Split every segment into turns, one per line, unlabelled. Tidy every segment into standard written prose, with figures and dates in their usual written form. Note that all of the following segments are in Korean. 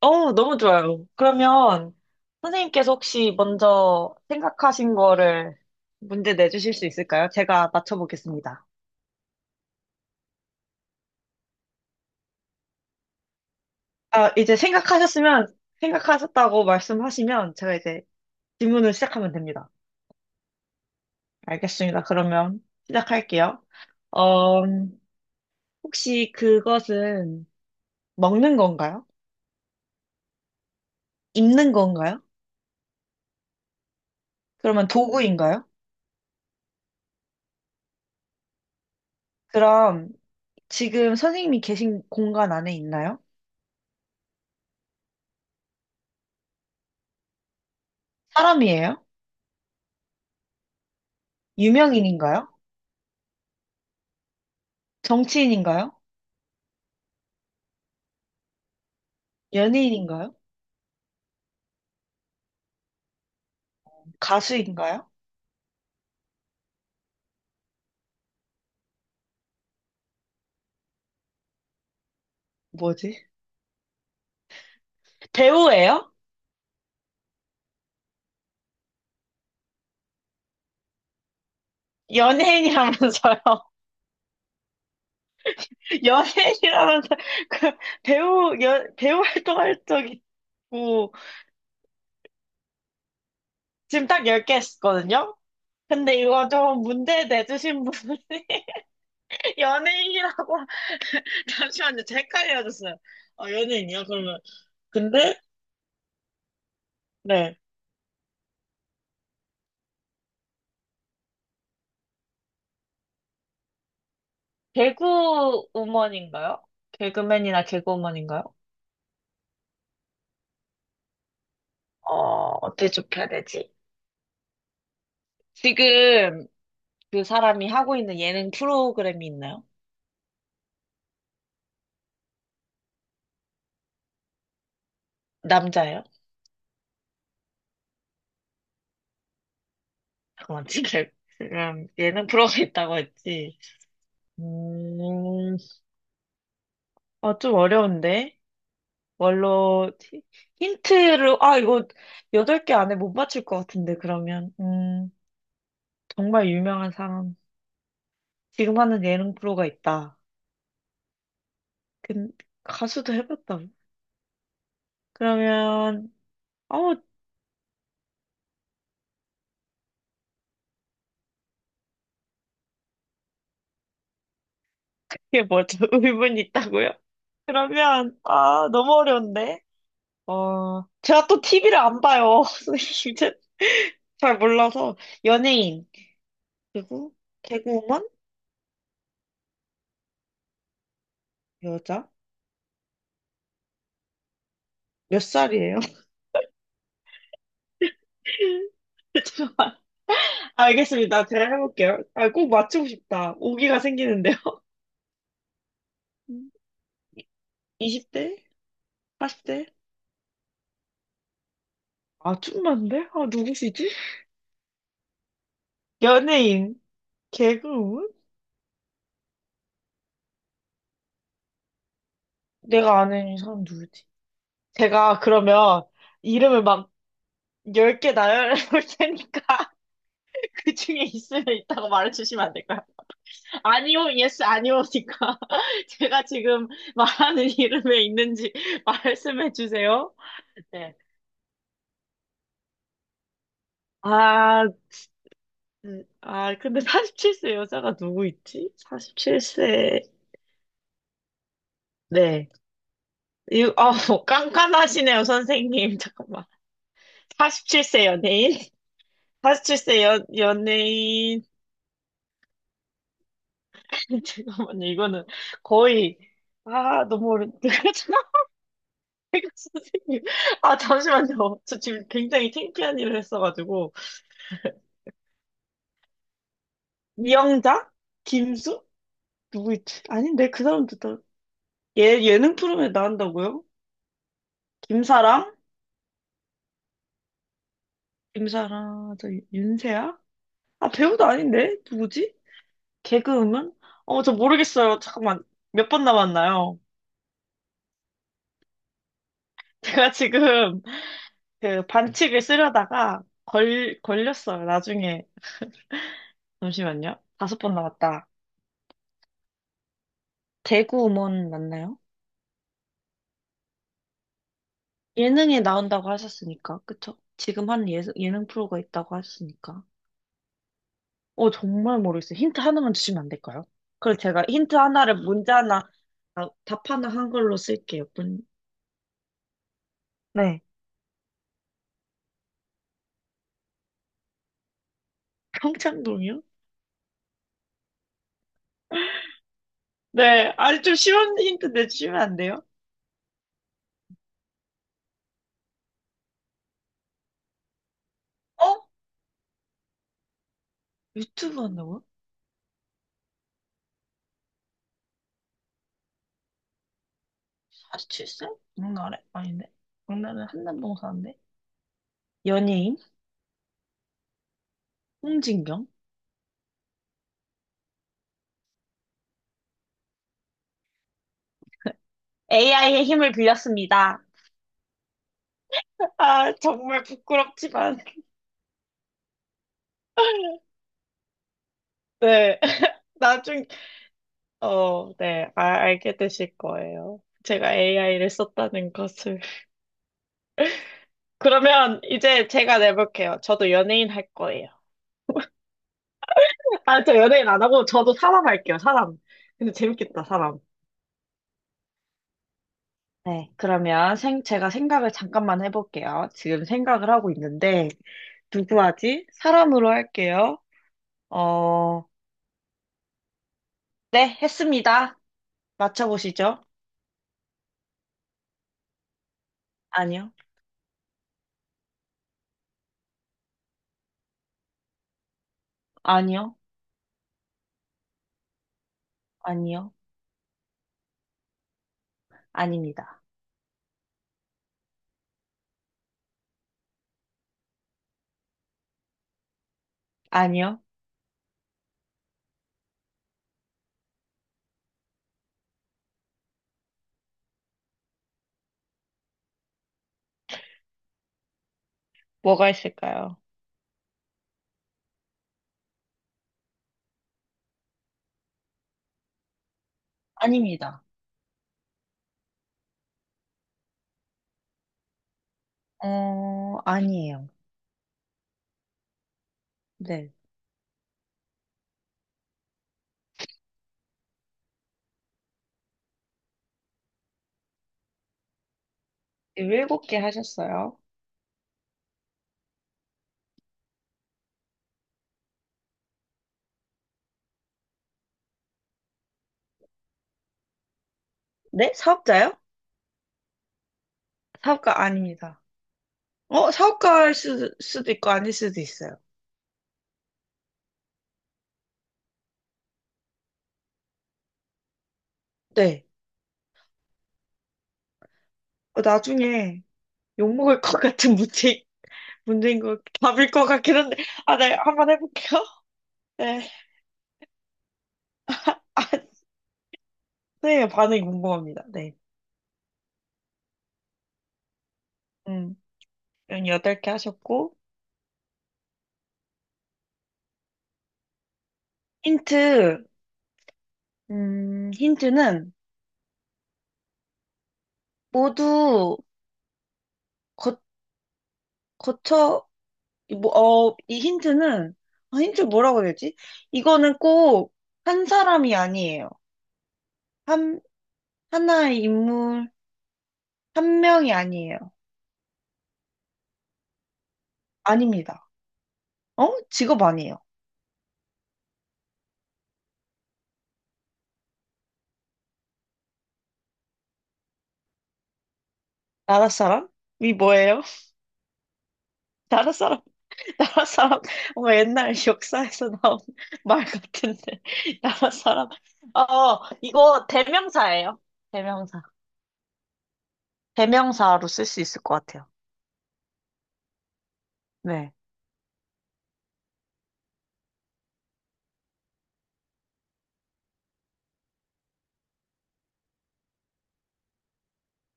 너무 좋아요. 그러면 선생님께서 혹시 먼저 생각하신 거를 문제 내주실 수 있을까요? 제가 맞춰보겠습니다. 아, 이제 생각하셨으면, 생각하셨다고 말씀하시면 제가 이제 질문을 시작하면 됩니다. 알겠습니다. 그러면 시작할게요. 어, 혹시 그것은 먹는 건가요? 입는 건가요? 그러면 도구인가요? 그럼 지금 선생님이 계신 공간 안에 있나요? 사람이에요? 유명인인가요? 정치인인가요? 연예인인가요? 가수인가요? 뭐지? 배우예요? 연예인이라면서요. 연예인이라면서 그 배우 활동할 적이 있고 지금 딱 10개 했거든요. 근데 이거 좀 문제 내주신 분이 연예인이라고 잠시만요. 제 헷갈려졌어요. 아, 연예인이요? 그러면 근데 네. 개그우먼인가요? 개그맨이나 개그우먼인가요? 어, 어떻게 좁혀야 되지? 지금 그 사람이 하고 있는 예능 프로그램이 있나요? 남자예요? 잠깐만, 지금 지금 예능 프로가 있다고 했지. 음, 아, 좀 어려운데? 뭘로, 히- 힌트를, 아, 이거 여덟 개 안에 못 맞출 것 같은데, 그러면. 정말 유명한 사람. 지금 하는 예능 프로가 있다. 근 가수도 해봤다고? 그러면, 어, 이게 뭐죠? 의문이 있다고요? 그러면, 아, 너무 어려운데? 어, 제가 또 티비를 안 봐요. 선생님. 잘 몰라서. 연예인, 그리고 개그우먼? 여자? 몇 살이에요? 알겠습니다. 제가 해볼게요. 아, 꼭 맞추고 싶다. 오기가 생기는데요. 20대? 40대? 아, 좀 많은데? 아, 누구시지? 연예인, 개그우먼? 내가 아는 이 사람 누구지? 제가 그러면 이름을 막 10개 나열해 볼 테니까 그 중에 있으면 이따가 말해주시면 안 될까요? 아니요, 예스, 아니오니까. 제가 지금 말하는 이름에 있는지 말씀해 주세요. 네. 아, 아, 근데 47세 여자가 누구 있지? 47세. 네. 이, 어, 깐깐하시네요, 선생님. 잠깐만. 47세 연예인? 연예인. 잠깐만요, 이거는 거의, 아, 너무 어려운요 선생님. 아, 잠시만요. 저 지금 굉장히 창피한 일을 했어가지고. 이영자? 김수? 누구 있지? 아닌데 그 사람도 다 예, 예능 프로에 그램 나온다고요? 김사랑? 김사랑 저 윤세아? 아 배우도 아닌데 누구지? 개그우먼? 어 저 모르겠어요. 잠깐만 몇 번 남았나요? 제가 지금 그 반칙을 쓰려다가 걸 걸렸어요. 나중에 잠시만요. 다섯 번 남았다. 개그우먼 맞나요? 예능에 나온다고 하셨으니까 그쵸? 지금 하는 예능 프로가 있다고 하셨으니까. 어, 정말 모르겠어요. 힌트 하나만 주시면 안 될까요? 그럼 제가 힌트 하나를 문제 하나, 아, 답 하나 한글로 쓸게요. 문, 네. 평창동이요? 네. 아니, 좀 쉬운 힌트 내주시면 안 돼요? 어? 유튜브 한다고요? 47세? 장난해? 아닌데? 장난은 한남동 사는데? 연예인? 홍진경? AI의 힘을 빌렸습니다. 아, 정말 부끄럽지만. 네. 나중, 어, 네. 아, 알게 되실 거예요. 제가 AI를 썼다는 것을. 그러면 이제 제가 내볼게요. 저도 연예인 할 거예요. 아, 저 연예인 안 하고 저도 사람 할게요, 사람. 근데 재밌겠다, 사람. 네, 그러면 제가 생각을 잠깐만 해볼게요. 지금 생각을 하고 있는데, 누구 하지? 사람으로 할게요. 어, 네, 했습니다. 맞춰보시죠. 아니요, 아니요, 아니요, 아닙니다. 아니요, 뭐가 있을까요? 아닙니다. 어, 아니에요. 네, 일곱 개 하셨어요. 네, 사업자요? 사업가 아닙니다. 어, 사업가일 수도 있고 아닐 수도 있어요. 네. 어, 나중에 욕먹을 것 같은 문제인 거 답일 것 같긴 한데, 아, 네, 한번 해볼게요. 네. 아, 네, 반응이 궁금합니다. 네. 음, 연 여덟 개 하셨고, 힌트, 힌트는 모두 거, 거쳐, 뭐, 어, 이 힌트는, 아, 힌트 뭐라고 해야 되지? 이거는 꼭 한 사람이 아니에요. 한, 하나의 인물, 한 명이 아니에요. 아닙니다. 어? 직업 아니에요. 나라 사람이 뭐예요? 나라 사람, 나라 사람, 뭐 옛날 역사에서 나온 말 같은데. 나라 사람. 어, 이거 대명사예요. 대명사. 대명사로 쓸 수 있을 것 같아요. 네.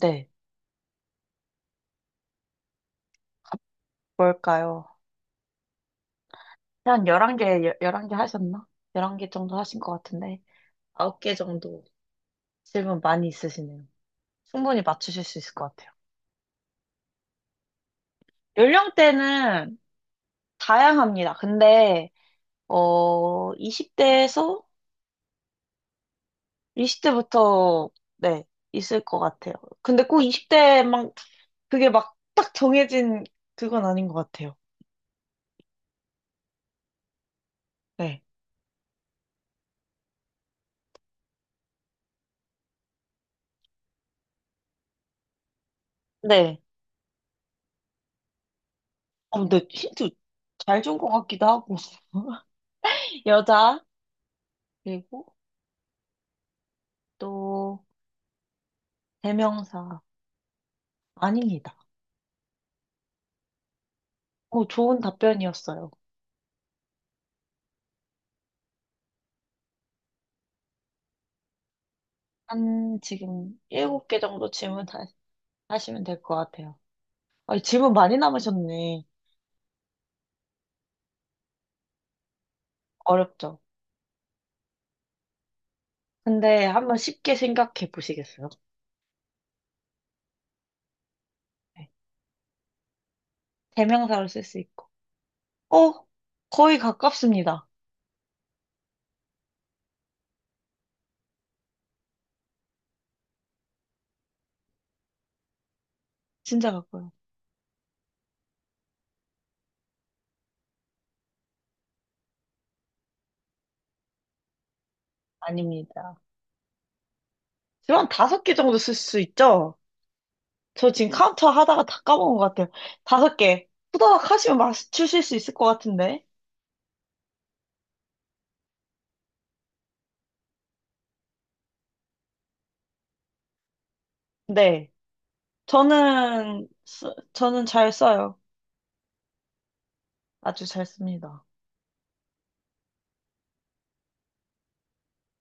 네. 뭘까요? 한 열한 개 11개 하셨나? 11개 정도 하신 것 같은데. 9개 정도 질문 많이 있으시네요. 충분히 맞추실 수 있을 것 같아요. 연령대는 다양합니다. 근데, 어, 20대에서, 20대부터, 네, 있을 것 같아요. 근데 꼭 20대 막, 그게 막, 딱 정해진 그건 아닌 것 같아요. 네. 네. 어, 근데 힌트 잘 준 것 같기도 하고. 여자, 그리고 또, 대명사. 아닙니다. 어, 좋은 답변이었어요. 7개 정도 질문 다, 하시면 될 것 같아요. 아, 질문 많이 남으셨네. 어렵죠? 근데 한번 쉽게 생각해 보시겠어요? 네. 대명사로 쓸 수 있고. 어, 거의 가깝습니다. 진짜 가까워요. 아닙니다. 지금 한 다섯 개 정도 쓸 수 있죠? 저 지금 카운터 하다가 다 까먹은 것 같아요. 다섯 개. 후다닥 하시면 맞추실 수 있을 것 같은데. 네. 저는 잘 써요. 아주 잘 씁니다.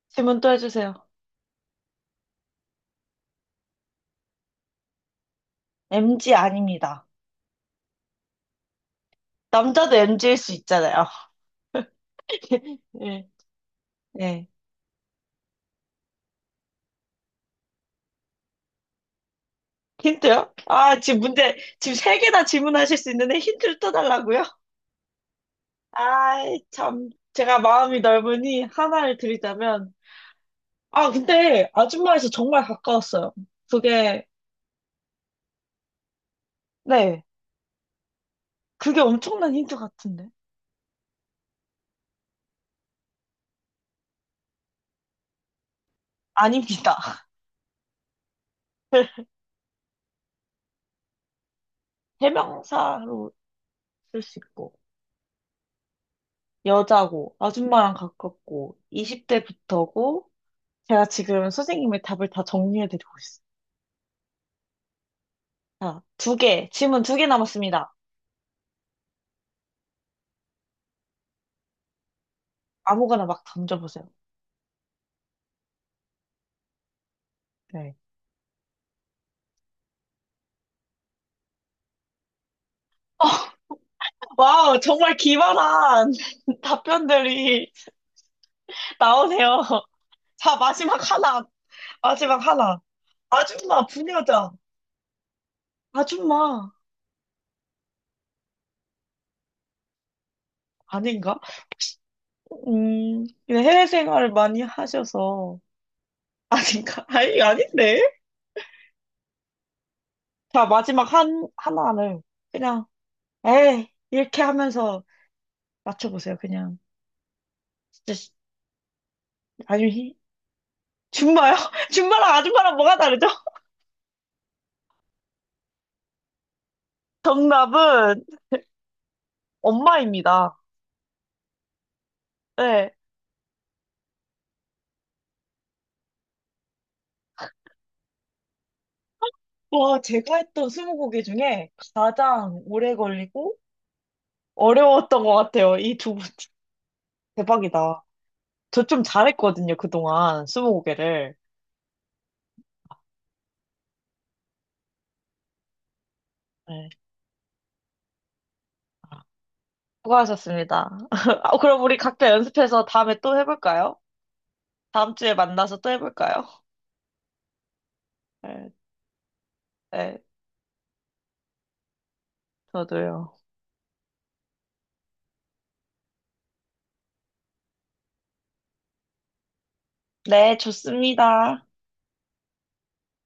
질문 또 해주세요. MG 아닙니다. 남자도 MG일 수 있잖아요. 네. 네. 힌트요? 아, 지금 세 개나 질문하실 수 있는데 힌트를 또 달라고요? 아이, 참. 제가 마음이 넓으니 하나를 드리자면. 아, 근데 아줌마에서 정말 가까웠어요. 그게, 네. 그게 엄청난 힌트 같은데. 아닙니다. 해명사로 쓸 수 있고, 여자고, 아줌마랑 가깝고, 20대부터고, 제가 지금 선생님의 답을 다 정리해드리고 있어요. 자, 두 개, 질문 두 개 남았습니다. 아무거나 막 던져보세요. 와우, 정말 기발한 답변들이 나오세요. 자, 마지막 하나. 마지막 하나. 아줌마, 부녀자. 아줌마. 아닌가? 근데 해외 생활을 많이 하셔서. 아닌가? 아니, 아닌데? 자, 마지막 하나를 그냥, 에이, 이렇게 하면서 맞춰보세요. 그냥. 진짜, 시- 아니, 히- 줌마요? 줌마랑 아줌마랑 뭐가 다르죠? 정답은 엄마입니다. 네. 와, 제가 했던 스무고개 중에 가장 오래 걸리고 어려웠던 것 같아요. 이 두 분. 대박이다. 저 좀 잘했거든요, 그동안. 스무고개를. 네. 아, 수고하셨습니다. 아, 그럼 우리 각자 연습해서 다음에 또 해볼까요? 다음 주에 만나서 또 해볼까요? 네, 네, 저도요. 네, 좋습니다.